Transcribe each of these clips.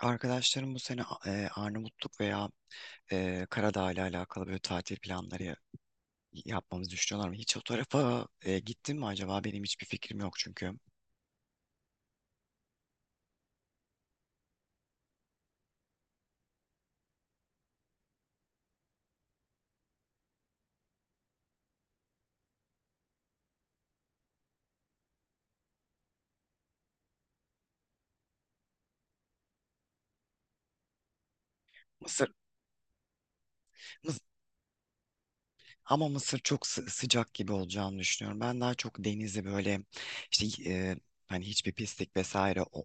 Arkadaşlarım bu sene Arnavutluk veya Karadağ ile alakalı böyle tatil planları yapmamızı düşünüyorlar mı? Hiç o tarafa gittin mi acaba? Benim hiçbir fikrim yok çünkü. Mısır, Mıs- ama Mısır çok sıcak gibi olacağını düşünüyorum. Ben daha çok denizi böyle işte hani hiçbir pislik vesaire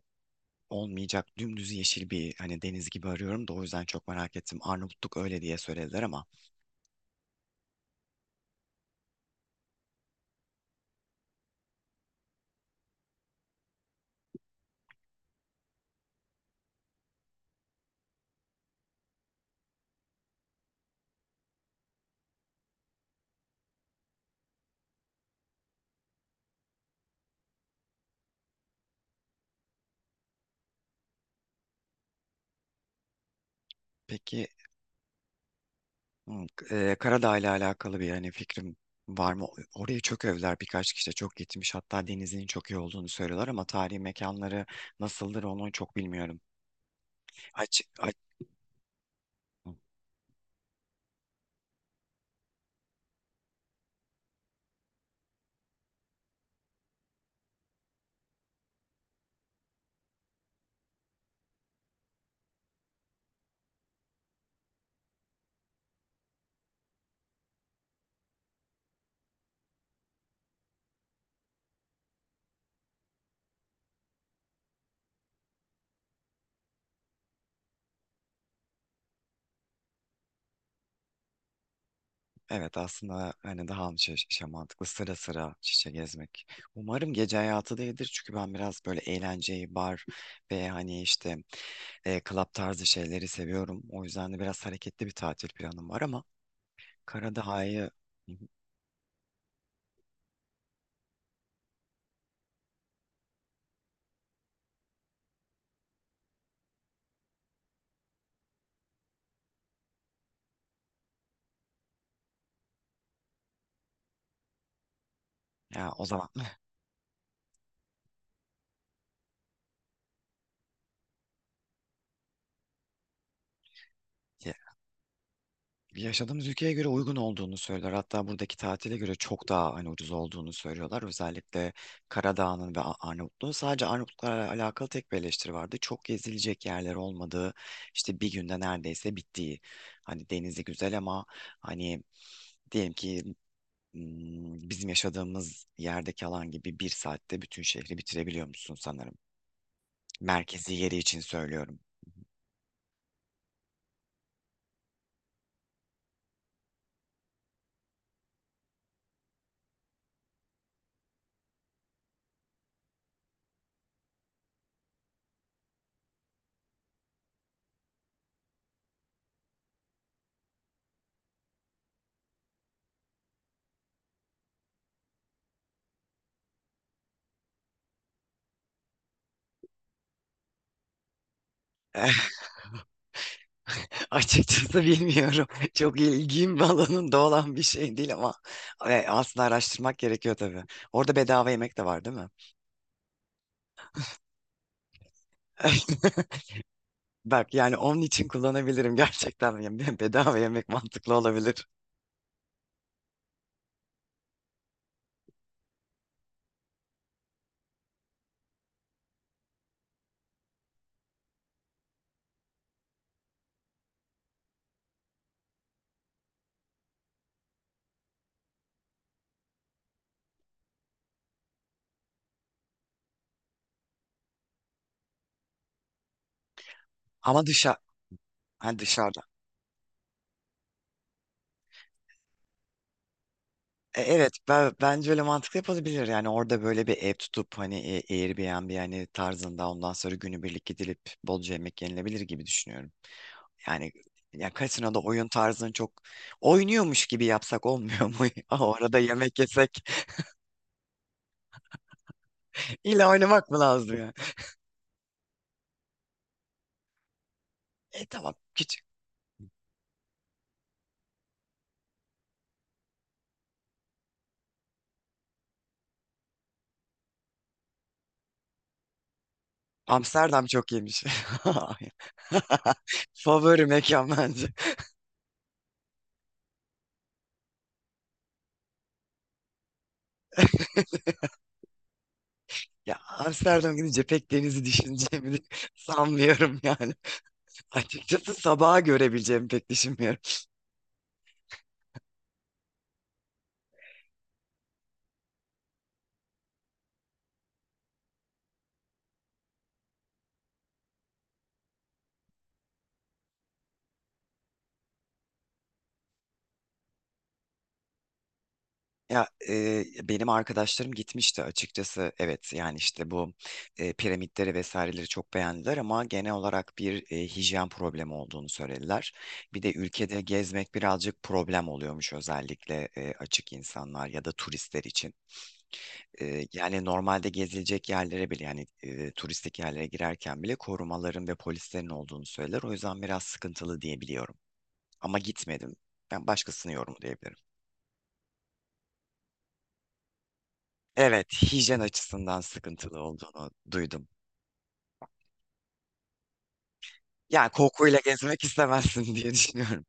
olmayacak dümdüz yeşil bir hani deniz gibi arıyorum da o yüzden çok merak ettim. Arnavutluk öyle diye söylediler ama. Peki. Hı, Karadağ ile alakalı bir yani fikrim var mı? Oraya çok övdüler, birkaç kişi de çok gitmiş. Hatta denizinin çok iyi olduğunu söylüyorlar ama tarihi mekanları nasıldır onu çok bilmiyorum. Aç, aç. Evet, aslında hani daha mı şey, şey mantıklı sıra sıra şişe gezmek. Umarım gece hayatı değildir çünkü ben biraz böyle eğlenceyi, bar ve hani işte club tarzı şeyleri seviyorum. O yüzden de biraz hareketli bir tatil planım var ama Karadağ'ı. Hı hı. Ya o zaman, yaşadığımız ülkeye göre uygun olduğunu söylüyorlar. Hatta buradaki tatile göre çok daha hani ucuz olduğunu söylüyorlar. Özellikle Karadağ'ın ve Arnavutluğun. Sadece Arnavutluklarla alakalı tek bir eleştiri vardı. Çok gezilecek yerler olmadığı, işte bir günde neredeyse bittiği. Hani denizi güzel ama hani diyelim ki bizim yaşadığımız yerdeki alan gibi bir saatte bütün şehri bitirebiliyor musun sanırım. Merkezi yeri için söylüyorum. Eh. Açıkçası bilmiyorum. Çok ilgim alanında olan bir şey değil ama aslında araştırmak gerekiyor tabii. Orada bedava yemek de var değil mi? Bak, yani onun için kullanabilirim gerçekten. Yani bedava yemek mantıklı olabilir. Ama dışa, ha, dışarıda. Evet, ben, bence öyle mantıklı yapılabilir. Yani orada böyle bir ev tutup hani Airbnb hani tarzında, ondan sonra günübirlik gidilip bolca yemek yenilebilir gibi düşünüyorum. Yani ya kasinoda oyun tarzını çok oynuyormuş gibi yapsak olmuyor mu? O arada yemek yesek illa oynamak mı lazım ya? E tamam küçük. Amsterdam çok iyiymiş. Favori mekan bence. Ya Amsterdam gidince pek denizi düşüneceğimi sanmıyorum yani. Açıkçası sabaha görebileceğimi pek düşünmüyorum. Ya benim arkadaşlarım gitmişti açıkçası. Evet, yani işte bu piramitleri vesaireleri çok beğendiler ama genel olarak bir hijyen problemi olduğunu söylediler. Bir de ülkede gezmek birazcık problem oluyormuş özellikle açık insanlar ya da turistler için. Yani normalde gezilecek yerlere bile, yani turistik yerlere girerken bile korumaların ve polislerin olduğunu söyler. O yüzden biraz sıkıntılı diyebiliyorum. Ama gitmedim. Ben başkasını yorumlayabilirim. Evet, hijyen açısından sıkıntılı olduğunu duydum. Yani kokuyla gezmek istemezsin diye düşünüyorum.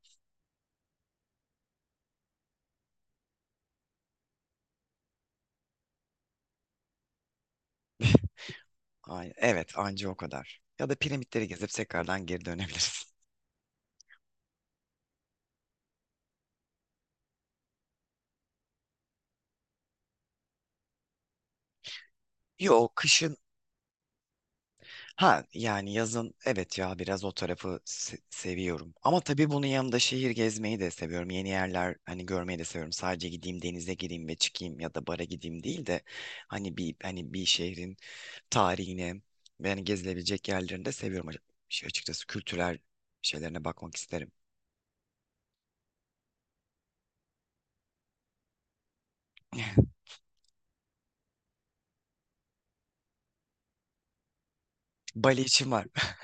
Ay, evet, anca o kadar. Ya da piramitleri gezip tekrardan geri dönebilirsin. Yok, kışın. Ha yani yazın, evet, ya biraz o tarafı seviyorum. Ama tabii bunun yanında şehir gezmeyi de seviyorum. Yeni yerler hani görmeyi de seviyorum. Sadece gideyim, denize gireyim ve çıkayım ya da bara gideyim değil de hani hani bir şehrin tarihine ve yani gezilebilecek yerlerini de seviyorum. Şey, açıkçası kültürel şeylerine bakmak isterim. Bali için var.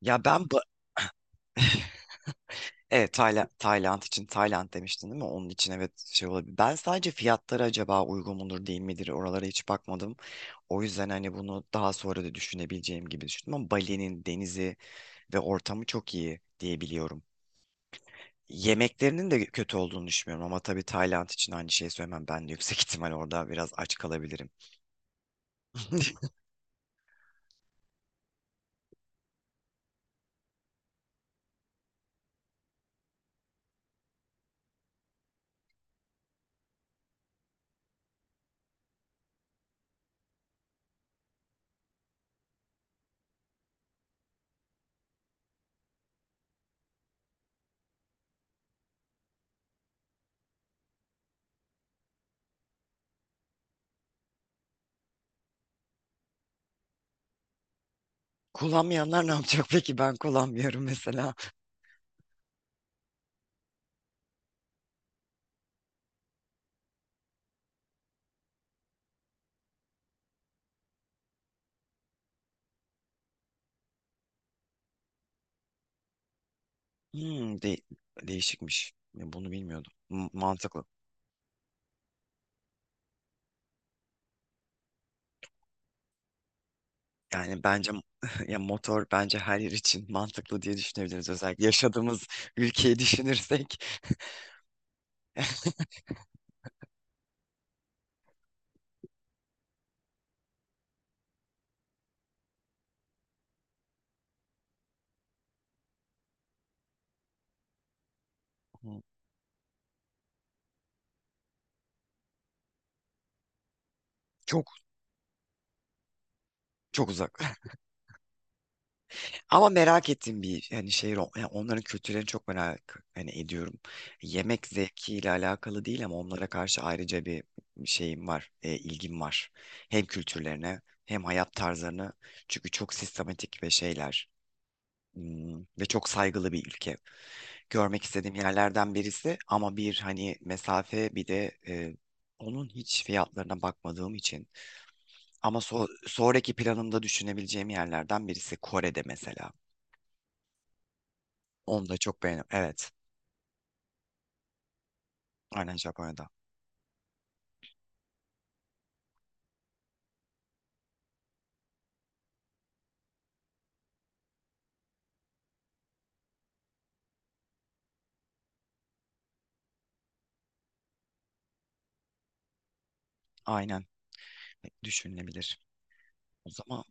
Ya ben evet, Tayland için, Tayland demiştin değil mi? Onun için evet, şey olabilir. Ben sadece fiyatları acaba uygun mudur değil midir, oralara hiç bakmadım. O yüzden hani bunu daha sonra da düşünebileceğim gibi düşündüm, ama Bali'nin denizi ve ortamı çok iyi diyebiliyorum. Yemeklerinin de kötü olduğunu düşünmüyorum ama tabii Tayland için aynı şeyi söylemem. Ben de yüksek ihtimal orada biraz aç kalabilirim. Kullanmayanlar ne yapacak peki? Ben kullanmıyorum mesela. Hmm, değişikmiş. Ya bunu bilmiyordum. Mantıklı. Yani bence ya motor bence her yer için mantıklı diye düşünebiliriz. Özellikle yaşadığımız ülkeyi düşünürsek. Çok, çok uzak. Ama merak ettiğim bir hani şehir yani onların kültürlerini çok merak hani ediyorum. Yemek zevkiyle alakalı değil ama onlara karşı ayrıca bir şeyim var, ilgim var. Hem kültürlerine hem hayat tarzlarına. Çünkü çok sistematik ve şeyler, ve çok saygılı bir ülke. Görmek istediğim yerlerden birisi, ama bir hani mesafe, bir de onun hiç fiyatlarına bakmadığım için. Ama sonraki planımda düşünebileceğim yerlerden birisi Kore'de mesela. Onu da çok beğendim. Evet. Aynen, Japonya'da. Aynen, düşünülebilir. O zaman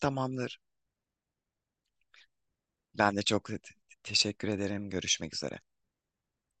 tamamdır. Ben de çok teşekkür ederim. Görüşmek üzere.